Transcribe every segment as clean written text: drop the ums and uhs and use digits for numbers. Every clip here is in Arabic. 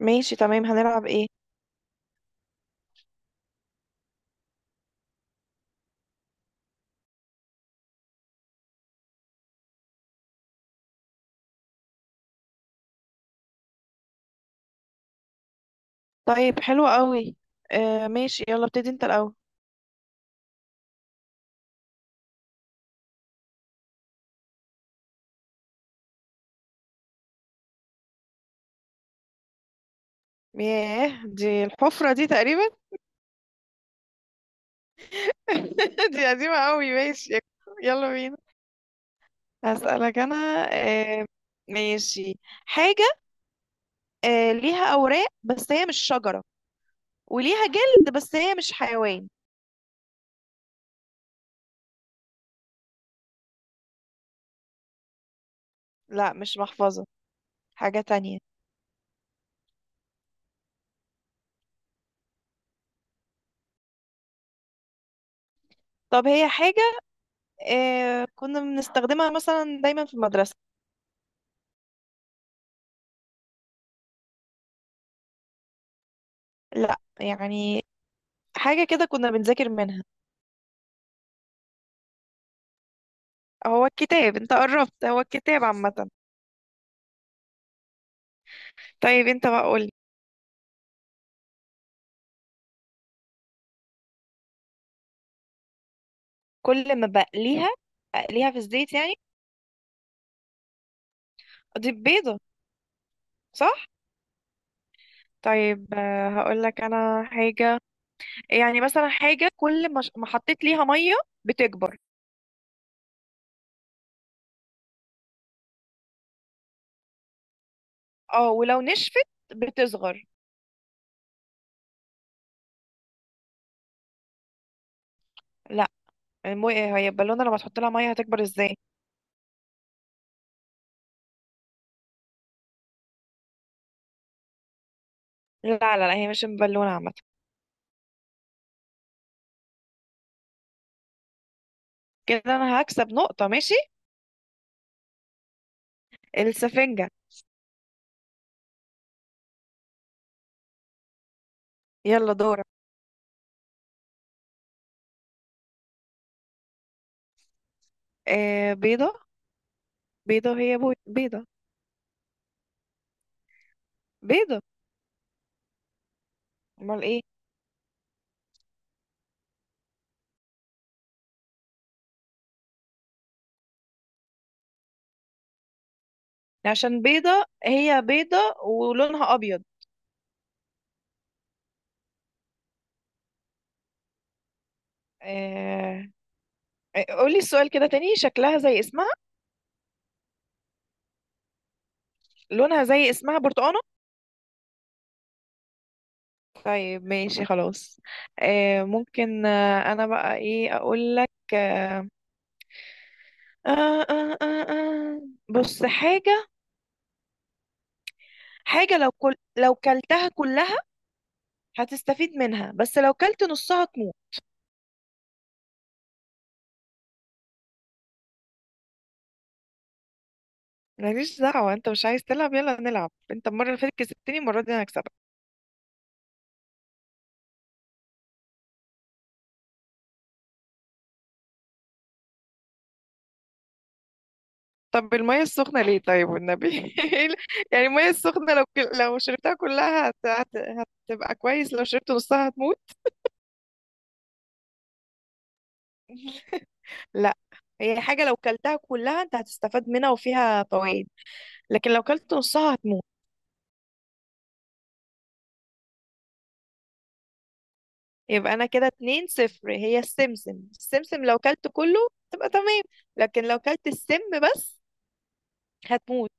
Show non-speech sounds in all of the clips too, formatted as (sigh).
ماشي، تمام. هنلعب ايه؟ طيب، حلو قوي. آه ماشي، يلا ابتدي انت الاول. ياه، دي الحفرة دي تقريبا. (laughs) دي قديمة قوي. ماشي، يلا بينا. هسألك انا. آه ماشي. حاجة. آه، ليها اوراق بس هي مش شجرة، وليها جلد بس هي مش حيوان. لا، مش محفظة. حاجة تانية. طب هي حاجة. آه، كنا بنستخدمها مثلا دايما في المدرسة. لا، يعني حاجة كده كنا بنذاكر منها. هو الكتاب، انت قربت، هو الكتاب عامة. طيب انت بقى قولي. كل ما بقليها. اقليها في الزيت يعني. اضيف بيضة. صح؟ طيب، هقولك انا حاجة. يعني مثلا حاجة كل ما ما حطيت ليها مية، بتكبر. اه، ولو نشفت، بتصغر. لا، هي البالونة لما تحط لها مية هتكبر ازاي؟ لا لا لا، هي مش بالونة عامة. كده انا هكسب نقطة، ماشي. السفنجة. يلا دورك. آه، بيضة. بيضة هي بيضة. بيضة. امال ايه؟ عشان بيضة، هي بيضة ولونها أبيض. آه... آه، قولي السؤال كده تاني. شكلها زي اسمها. لونها زي اسمها، برتقانة. طيب ماشي خلاص. أنا بقى إيه أقول لك؟ آه... آه... آه... آه... بص حاجة. حاجة لو كلتها كلها هتستفيد منها، بس لو كلت نصها تموت. ماليش دعوة، انت مش عايز تلعب؟ يلا نلعب، انت المرة اللي فاتت كسبتني، المرة دي انا هكسبك. طب المية السخنة ليه طيب والنبي؟ (laughs) إيه يعني المية السخنة لو لو شربتها كلها هتبقى كويس، لو شربت نصها هتموت. لا، هي حاجة لو كلتها كلها انت هتستفاد منها وفيها فوائد، لكن لو كلت نصها هتموت. يبقى انا كده 2-0. هي السمسم. السمسم لو كلت كله تبقى تمام، لكن لو كلت السم بس هتموت.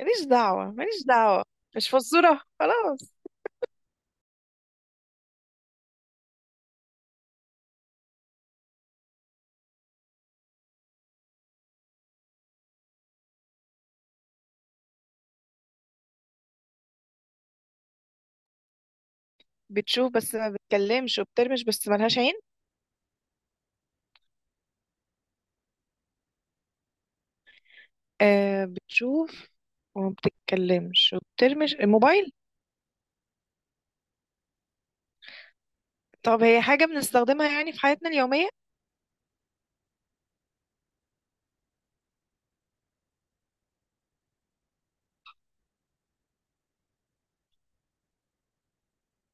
ماليش دعوة، ماليش دعوة. مش فزورة خلاص. بتشوف بس ما بتكلمش، وبترمش بس ملهاش عين. آه، بتشوف وما بتتكلمش وبترمي الموبايل. طب هي حاجة بنستخدمها يعني في حياتنا اليومية.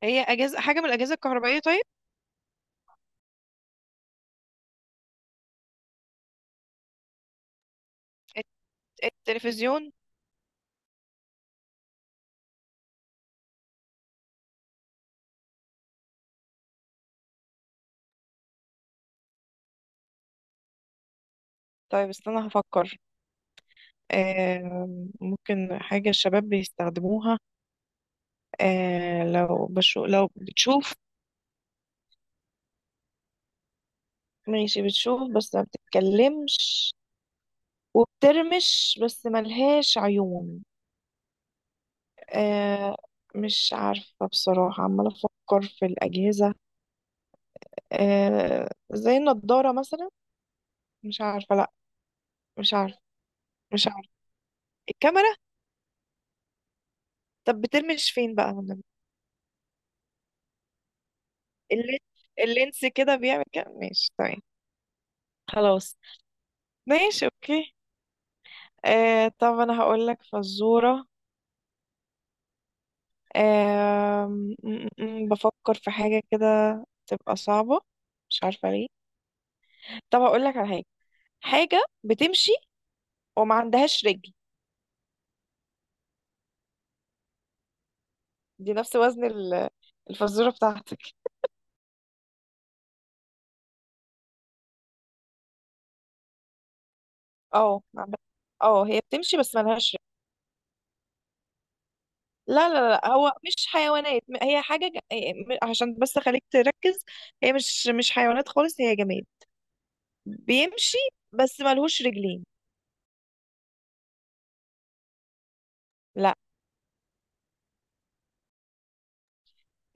هي أجهزة، حاجة من الأجهزة الكهربائية طيب. الت- التلفزيون. طيب استنى هفكر. آه، ممكن حاجة الشباب بيستخدموها. آه لو لو بتشوف. ماشي، بتشوف بس ما بتتكلمش، وبترمش بس ملهاش عيون. آه، مش عارفة بصراحة، عمالة أفكر في الأجهزة. آه زي النضارة مثلا، مش عارفة. لا، مش عارفة. مش عارفة. الكاميرا. طب بترمش فين بقى والنبي؟ اللين- اللينس كده بيعمل كده، ماشي تمام. خلاص، ماشي اوكي. آه، طب انا هقول لك فزورة. بفكر في حاجة كده تبقى صعبة، مش عارفة ليه. طب هقول لك على حاجة. حاجة بتمشي وما عندهاش رجل. دي نفس وزن الفزورة بتاعتك. اه، ما عندها- اه هي بتمشي بس ملهاش. لا لا لا، هو مش حيوانات. هي حاجة إيه، عشان بس أخليك تركز. هي مش حيوانات خالص، هي جماد بيمشي بس ملهوش رجلين. لا.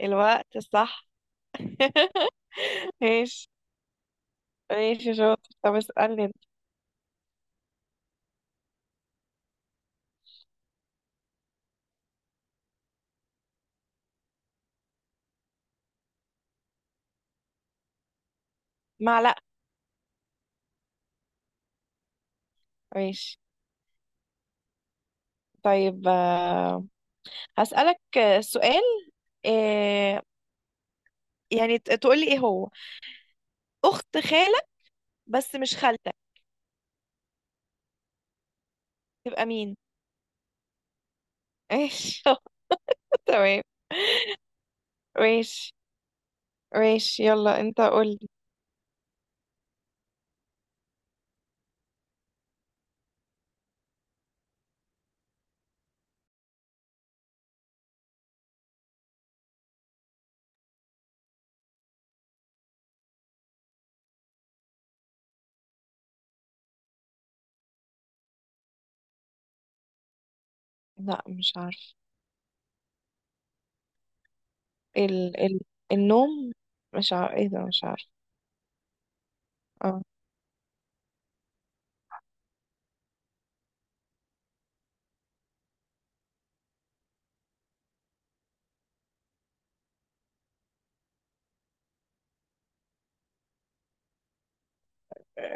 الوقت. صح. (laughs) ماشي ماشي، شاطر. طب اسألني انت. معلقة. ماشي. طيب هسألك سؤال. آه، يعني تقولي ايه هو أخت خالك بس مش خالتك تبقى مين؟ ماشي. (laughs) تمام. ماشي ماشي، يلا انت قول. لا، مش عارف. ال... ال... النوم. مش عارف ايه ده، مش عارف. اه،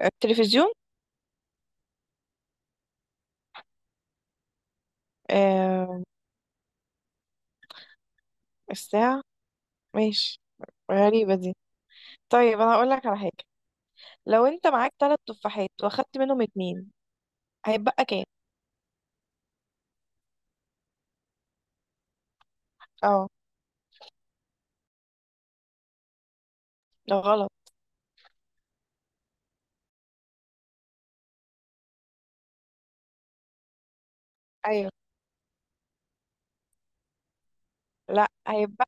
التلفزيون. آه، الساعة. ماشي. غريبة دي. طيب انا هقول لك على حاجة. لو انت معاك ثلاث تفاحات واخدت منهم اتنين، هيتبقى كام؟ اه. ده غلط. ايوه. لا، هيتبقى.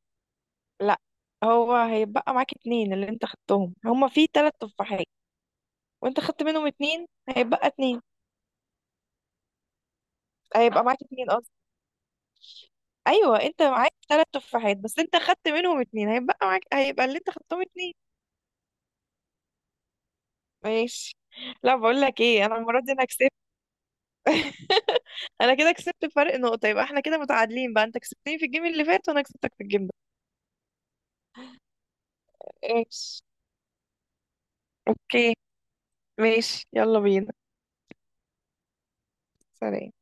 لا، هو هيتبقى معاك اتنين. اللي انت خدتهم هما في ثلاث تفاحات، وانت خدت منهم اتنين، هيتبقى اتنين. هيبقى معاك اتنين قصدي. ايوه انت معاك ثلاث تفاحات بس انت خدت منهم اتنين، هيبقى معاك، هيبقى اللي انت خدتهم اتنين. ماشي. لا، بقول لك ايه، انا المره دي انا كسبت. (laughs) انا كده كسبت بفرق نقطه. يبقى احنا كده متعادلين بقى، انت كسبتني في الجيم اللي فات وانا كسبتك في الجيم ده. ماشي اوكي. ماشي، يلا بينا. سلام.